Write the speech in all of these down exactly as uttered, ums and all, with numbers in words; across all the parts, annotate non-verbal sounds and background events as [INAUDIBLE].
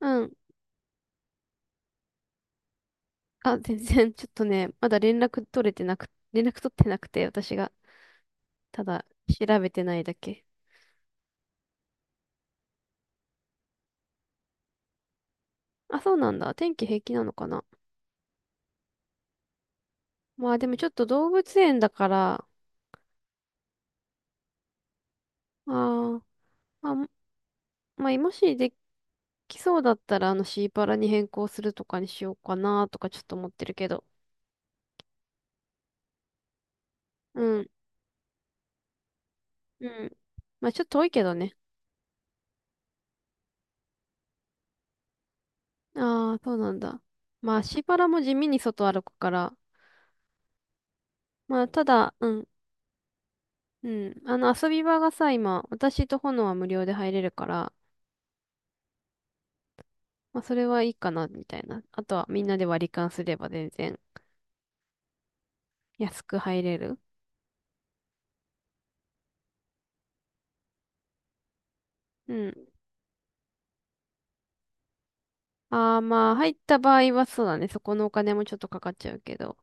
うん。あ、全然、ちょっとね、まだ連絡取れてなく、連絡取ってなくて、私が、ただ、調べてないだけ。あ、そうなんだ。天気平気なのかな。まあ、でもちょっと動物園だから、あーまあ、まあ、もしできそうだったら、あの、シーパラに変更するとかにしようかな、とかちょっと思ってるけど。うん、うん。まあ、ちょっと遠いけどね。ああ、そうなんだ。まあ、シーパラも地味に外歩くから、まあ、ただ、うん、うん。あの、遊び場がさ、今、私と炎は無料で入れるから、まあ、それはいいかな、みたいな。あとは、みんなで割り勘すれば全然安く入れる。うん。ああ、まあ、入った場合はそうだね。そこのお金もちょっとかかっちゃうけど。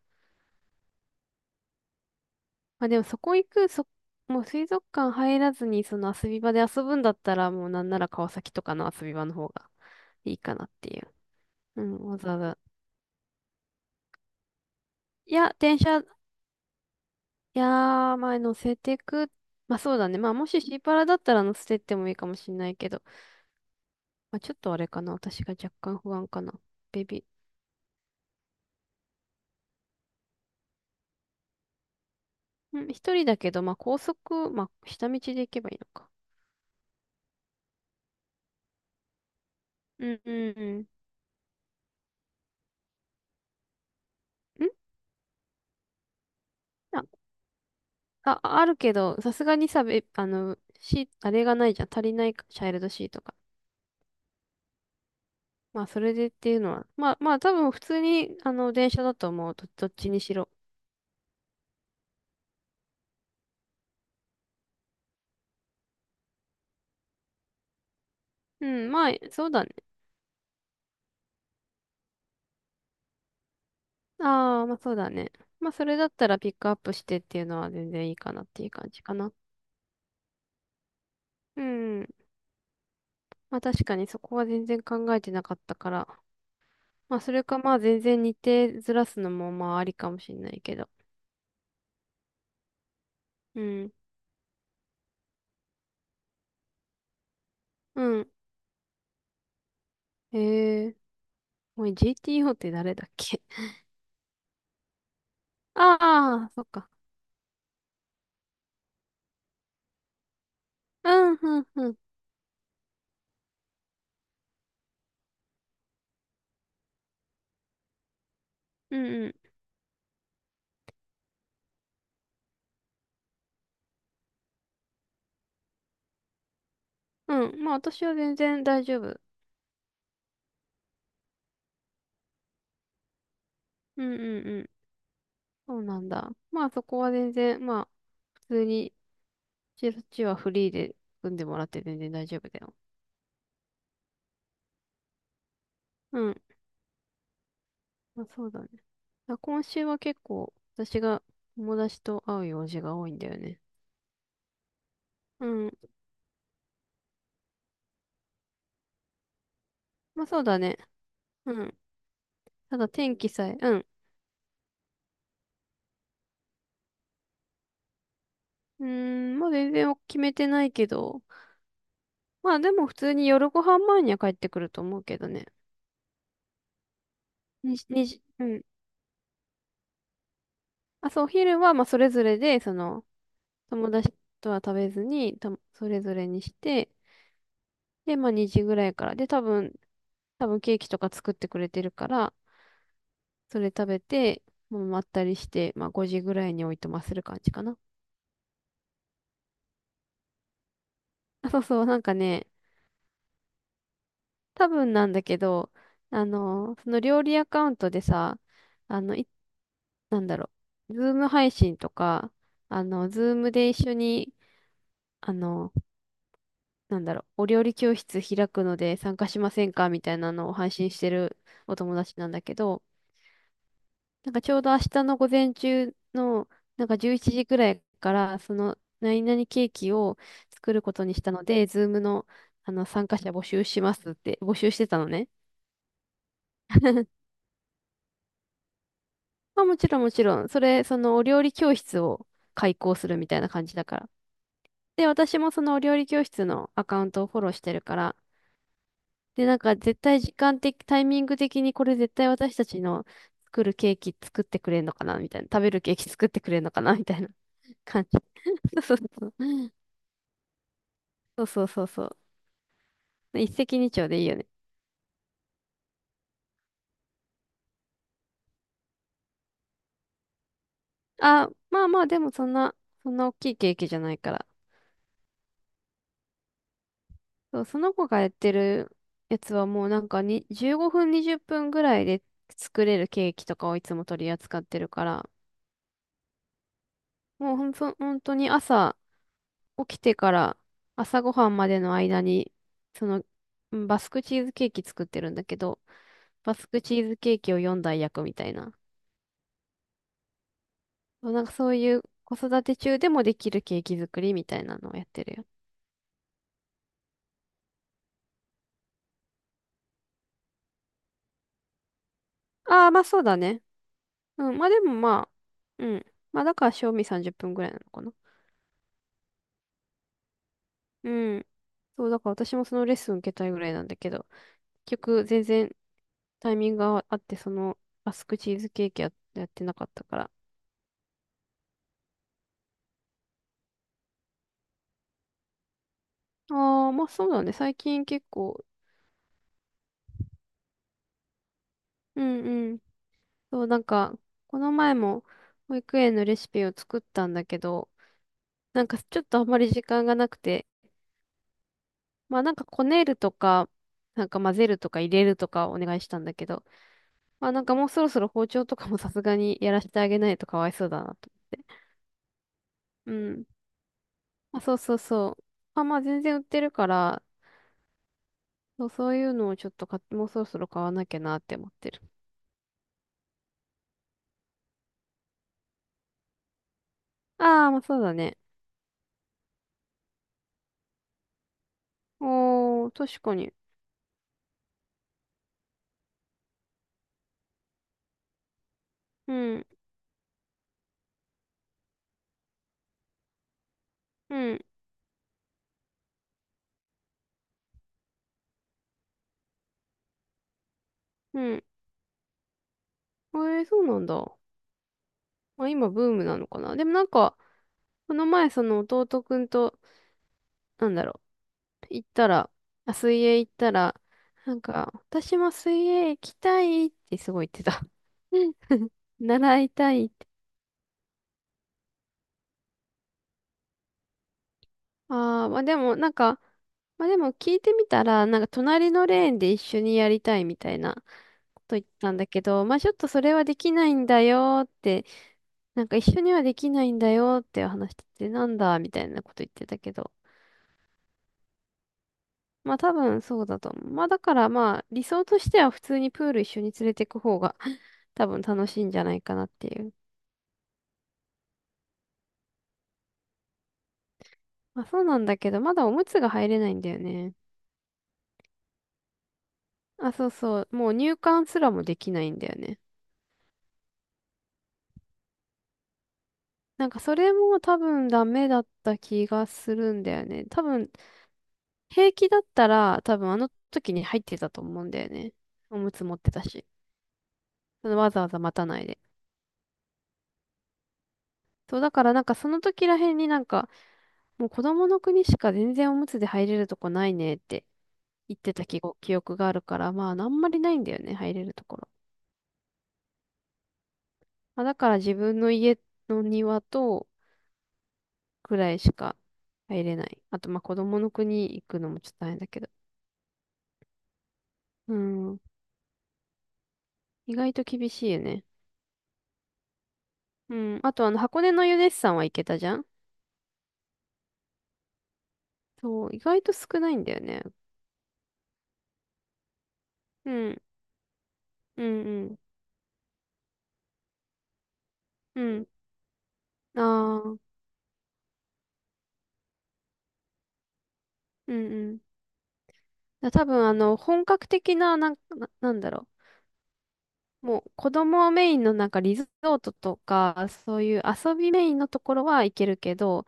まあ、でも、そこ行く、そ、もう水族館入らずに、その遊び場で遊ぶんだったら、もうなんなら川崎とかの遊び場の方がいいかなっていう。うん、わざわざ。いや、電車いやー、まあ、乗せてく。まあ、そうだね。まあ、もしシーパラだったら乗せてってもいいかもしんないけど。まあ、ちょっとあれかな。私が若干不安かな。ベビー。うん、一人だけど、まあ、高速、まあ、下道で行けばいいのか。うん、うん、うん。んあ、あ、あるけど、さすがにさ、べ、あの、シー、あれがないじゃん。足りないか、チャイルドシートが。まあ、それでっていうのは。まあ、まあ、多分普通に、あの、電車だと思う。ど、どっちにしろ。うん、まあ、そうだね。ああ、まあそうだね。まあそれだったらピックアップしてっていうのは全然いいかなっていう感じかな。うん。まあ確かにそこは全然考えてなかったから。まあそれかまあ全然日程ずらすのもまあありかもしんないけど。うん。うん。ええー。おい、ジーティーオー って誰だっけ？ [LAUGHS] ああ、そっか。うん、うん、うん。うん、うん。うん。まあ私は全然大丈夫。うん、うん、うん。そうなんだ。まあそこは全然、まあ普通に、そっちはフリーで組んでもらって全然大丈夫だよ。うん。まあ、そうだね。あ、今週は結構私が友達と会う用事が多いんだよね。うん。まあそうだね。うん。ただ天気さえ、うん。うーん、まあ全然決めてないけど。まあでも普通に夜ご飯前には帰ってくると思うけどね。にじ、にじ、うん。あ、そう、お昼はまあそれぞれで、その、友達とは食べずに、た、それぞれにして、で、まあにじぐらいから。で、多分、多分ケーキとか作ってくれてるから、それ食べて、もうまったりして、まあごじぐらいにおいとまする感じかな。[LAUGHS] あ、そうそう、なんかね、多分なんだけど、あの、その料理アカウントでさ、あの、い、なんだろう、ズーム配信とか、あの、ズームで一緒に、あの、なんだろう、お料理教室開くので参加しませんかみたいなのを配信してるお友達なんだけど、なんかちょうど明日の午前中の、なんかじゅういちじぐらいから、その、何々ケーキを作ることにしたので、ズームの、あの、参加者募集しますって、募集してたのね。まあもちろんもちろん、それ、そのお料理教室を開講するみたいな感じだから。で、私もそのお料理教室のアカウントをフォローしてるから、で、なんか絶対時間的、タイミング的にこれ絶対私たちの作るケーキ作ってくれんのかなみたいな、食べるケーキ作ってくれんのかなみたいな感じ。[LAUGHS] そうそうそう。そうそうそうそう。ね一石二鳥でいいよね。あ、まあまあ、でもそんな、そんな大きいケーキじゃないから。そう、その子がやってるやつはもうなんかにじゅうごふんにじゅっぷんぐらいで作れるケーキとかをいつも取り扱ってるから、もうほんと、本当に朝起きてから朝ごはんまでの間に、その、うんバスクチーズケーキ作ってるんだけど、バスクチーズケーキをよんだい焼くみたいな。そう、なんかそういう子育て中でもできるケーキ作りみたいなのをやってるよ。ああ、まあそうだね。うん、まあでもまあ、うん。まあだから、賞味さんじゅっぷんぐらいなのかな。うん。そう、だから私もそのレッスン受けたいぐらいなんだけど、結局全然タイミングがあって、そのアスクチーズケーキや、やってなかったから。ああ、まあそうだね。最近結構、うんうん。そう、なんか、この前も保育園のレシピを作ったんだけど、なんかちょっとあんまり時間がなくて、まあなんかこねるとか、なんか混ぜるとか入れるとかお願いしたんだけど、まあなんかもうそろそろ包丁とかもさすがにやらせてあげないとかわいそうだなと思って。うん。まあ、そうそうそう。あ、まあ全然売ってるから、そう、そういうのをちょっと買って、もうそろそろ買わなきゃなって思ってる。ああ、まあそうだね。おー、確かに。うん、うん、うん。えー、そうなんだ。まあ今ブームなのかな。でもなんか、この前その弟くんと、なんだろう、行ったら、あ、水泳行ったら、なんか、私も水泳行きたいってすごい言ってた。[LAUGHS] 習いたいって。ああ、まあでもなんか、まあでも聞いてみたら、なんか隣のレーンで一緒にやりたいみたいなこと言ったんだけど、まあちょっとそれはできないんだよって、なんか一緒にはできないんだよって話してて、なんだみたいなこと言ってたけど。まあ多分そうだと思う。まあだからまあ理想としては普通にプール一緒に連れてく方が [LAUGHS] 多分楽しいんじゃないかなっていう。まあそうなんだけど、まだおむつが入れないんだよね。あ、そうそう。もう入館すらもできないんだよね。なんかそれも多分ダメだった気がするんだよね。多分平気だったら多分あの時に入ってたと思うんだよね。おむつ持ってたし。そのわざわざ待たないで。そうだからなんかその時らへんになんかもう子供の国しか全然おむつで入れるとこないねって言ってた記憶、記憶があるからまああんまりないんだよね入れるところ。まあ、だから自分の家の庭とくらいしか入れない。あと、まあ、子供の国行くのもちょっと大変だけど。うん。意外と厳しいよね。うん。あと、あの、箱根のユネッサンは行けたじゃん？そう、意外と少ないんだよね。うん。うん、うん。うん。ああ。うん、うん。だ多分、あの、本格的な、なん、な、なんだろう。もう、子供メインのなんかリゾートとか、そういう遊びメインのところは行けるけど、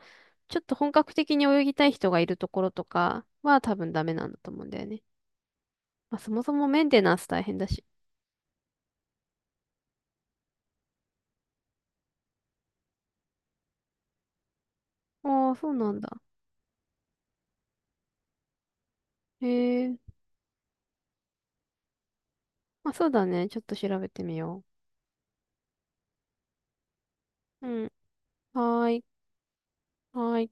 ちょっと本格的に泳ぎたい人がいるところとかは多分ダメなんだと思うんだよね。まあ、そもそもメンテナンス大変だし。ああ、そうなんだ。へえ。まあ、そうだね。ちょっと調べてみよう。うん。はーい。はーい。